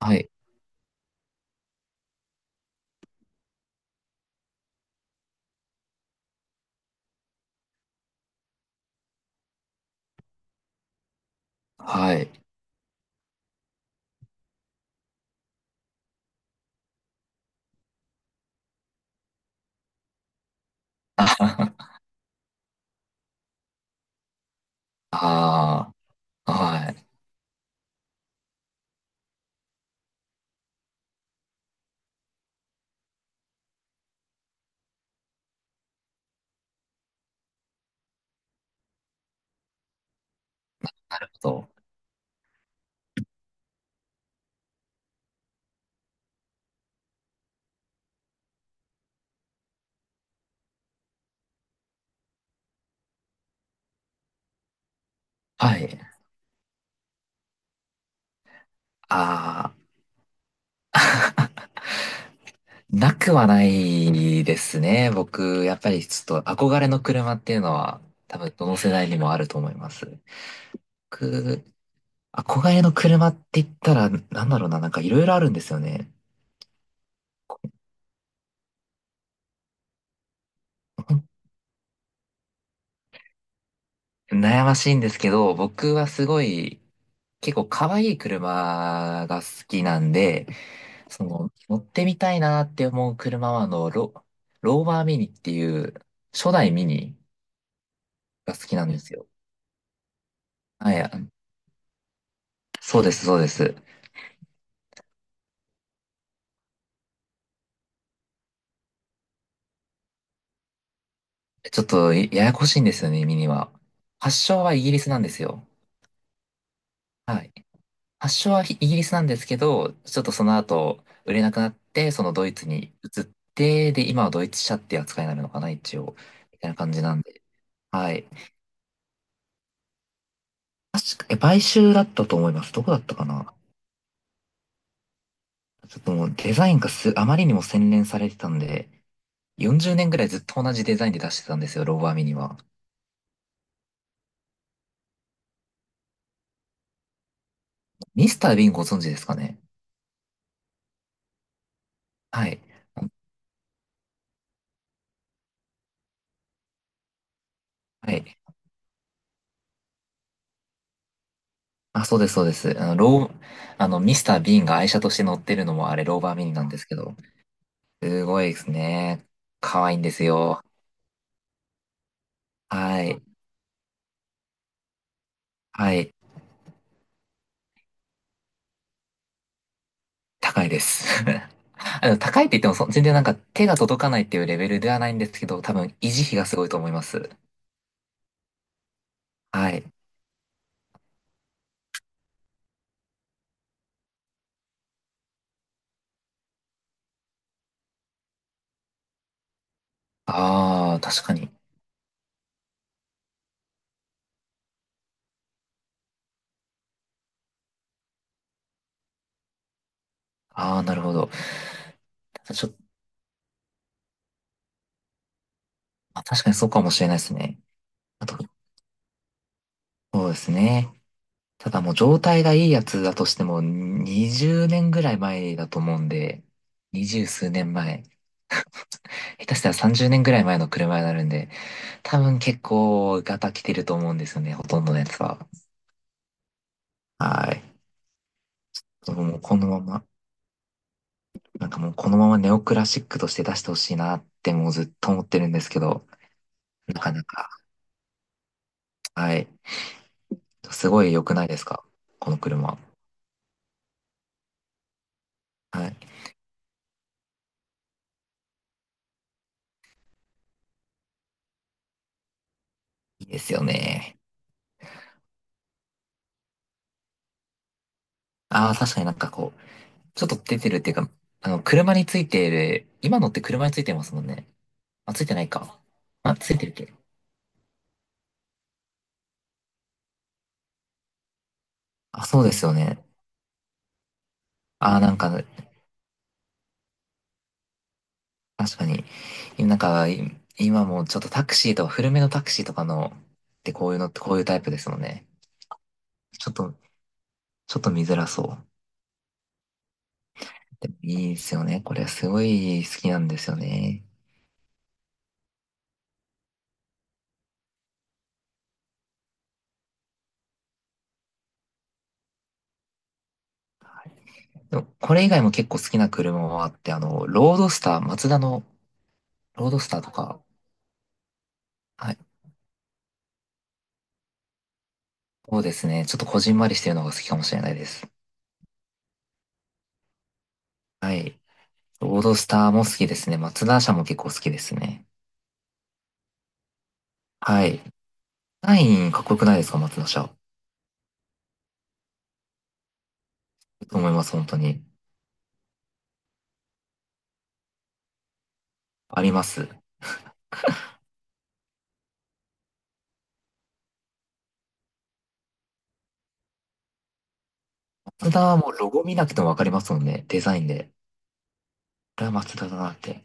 はい。はい。ああ、はい。なるほど。はい。ああ、なくはないですね。僕、やっぱりちょっと憧れの車っていうのは、多分どの世代にもあると思います。僕、憧れの車って言ったら、なんだろうな、なんかいろいろあるんですよね。ほん悩ましいんですけど、僕はすごい、結構可愛い車が好きなんで、乗ってみたいなって思う車は、ローバーミニっていう、初代ミニが好きなんですよ。はい、あそうです、そうです。ちょっと、いややこしいんですよね、ミニは。発祥はイギリスなんですよ。はい。発祥はイギリスなんですけど、ちょっとその後、売れなくなって、そのドイツに移って、で、今はドイツ車っていう扱いになるのかな、一応。みたいな感じなんで。はい。確か、買収だったと思います。どこだったかな。ちょっともうデザインがあまりにも洗練されてたんで、40年ぐらいずっと同じデザインで出してたんですよ、ローバーミニは。ミスター・ビンご存知ですかね？はい。はい。あ、そうです、そうです。あの、ロー、あの、ミスター・ビーンが愛車として乗ってるのもあれ、ローバーミニなんですけど、すごいですね。可愛いんですよ。はい。はい。高いです。高いって言っても全然なんか手が届かないっていうレベルではないんですけど、多分維持費がすごいと思います。はい。ああ、確かに。ああ、なるほど。ちょっと、まあ確かにそうかもしれないですね。あと、そうですね。ただもう状態がいいやつだとしても、20年ぐらい前だと思うんで、20数年前、下手したら30年ぐらい前の車になるんで、多分結構ガタ来てると思うんですよね、ほとんどのやつは。はい。もうこのまま、なんかもうこのままネオクラシックとして出してほしいなってもうずっと思ってるんですけど、なかなか、はい。すごい良くないですか、この車？はい。いいですよね。ああ、確かになんかこう、ちょっと出てるっていうか、車についている、今のって車についてますもんね。あ、ついてないか。あ、ついてるっけ？あ、そうですよね。ああ、なんか、確かに。なんか、今もちょっとタクシーとか、古めのタクシーとかの、ってこういうのってこういうタイプですもんね。ちょっと、ちょっと見づらそう。でもいいですよね。これすごい好きなんですよね。でもこれ以外も結構好きな車はあって、ロードスター、マツダのロードスターとか、はい、そうですね。ちょっとこじんまりしてるのが好きかもしれないです。はい。ロードスターも好きですね。松田車も結構好きですね。はい。ナインかっこよくないですか、松田車？と思います、本当に。あります。松田はもうロゴ見なくてもわかりますもんね。デザインで。これは松田だなって。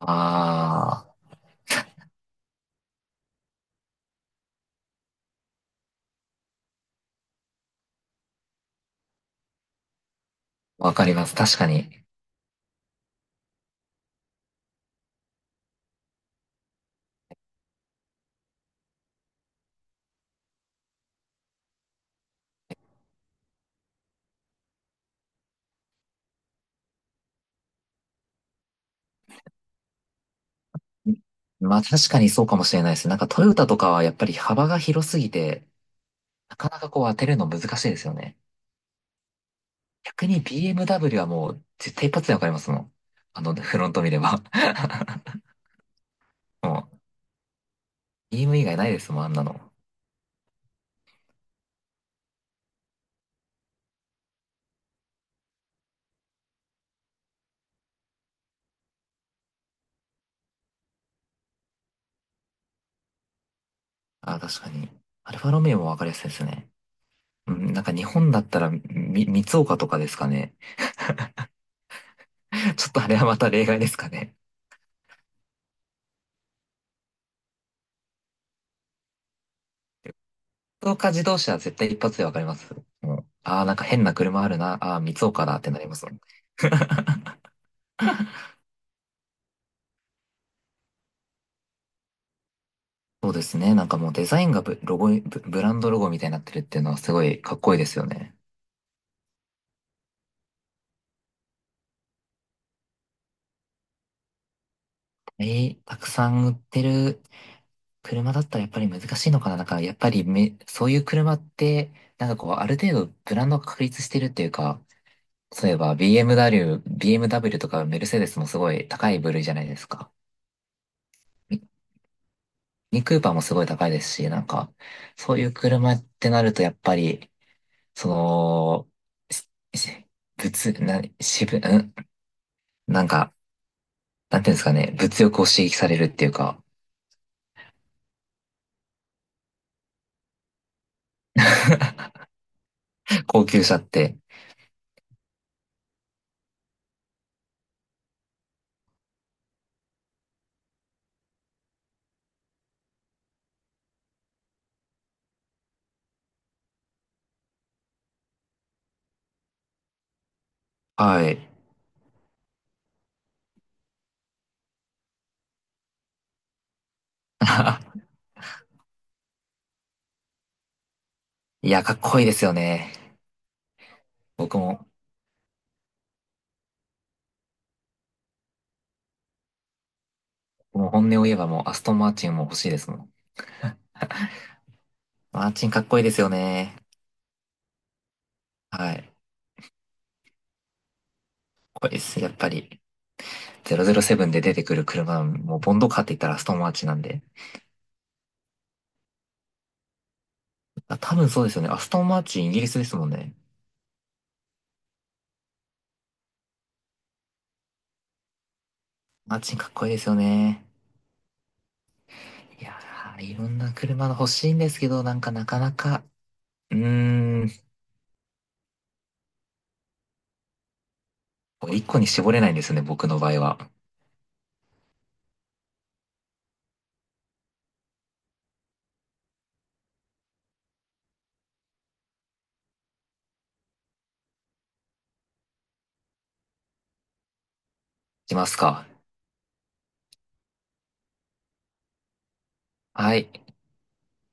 ああ、わかります。確かに。まあ確かにそうかもしれないです。なんかトヨタとかはやっぱり幅が広すぎて、なかなかこう当てるの難しいですよね。逆に BMW はもう絶対一発でわかりますもん。フロント見れば。もう、BMW 以外ないですもん、あんなの。あ、確かに。アルファロメオもわかりやすいですね。うん、なんか日本だったら、三岡とかですかね。ちょっとあれはまた例外ですかね。三岡自動車は絶対一発でわかります。もう、ああ、なんか変な車あるな。ああ、三岡だってなりますもん。そうですね。なんかもうデザインがロゴ、ブランドロゴみたいになってるっていうのはすごいかっこいいですよね。えたくさん売ってる車だったらやっぱり難しいのかな？なんか、やっぱりそういう車って、なんかこう、ある程度ブランドが確立してるっていうか、そういえば BMW、 とかメルセデスもすごい高い部類じゃないですか。ミニクーパーもすごい高いですし、なんか、そういう車ってなるとやっぱり、その、しし物、な、渋、んなんか、なんていうんですかね、物欲を刺激されるっていうか、高級車って。はい。いや、かっこいいですよね。僕ももう本音を言えばもうアストンマーチンも欲しいですもん。マーチンかっこいいですよね。はい。かっこいいです。やっぱり、007で出てくる車、もうボンドカーって言ったらアストンマーチンなんで。あ、多分そうですよね。アストンマーチンイギリスですもんね。マーチンかっこいいですよね。いやー、いろんな車が欲しいんですけど、なんかなかなか、うーん、一個に絞れないんですよね、僕の場合は。しますか？はい。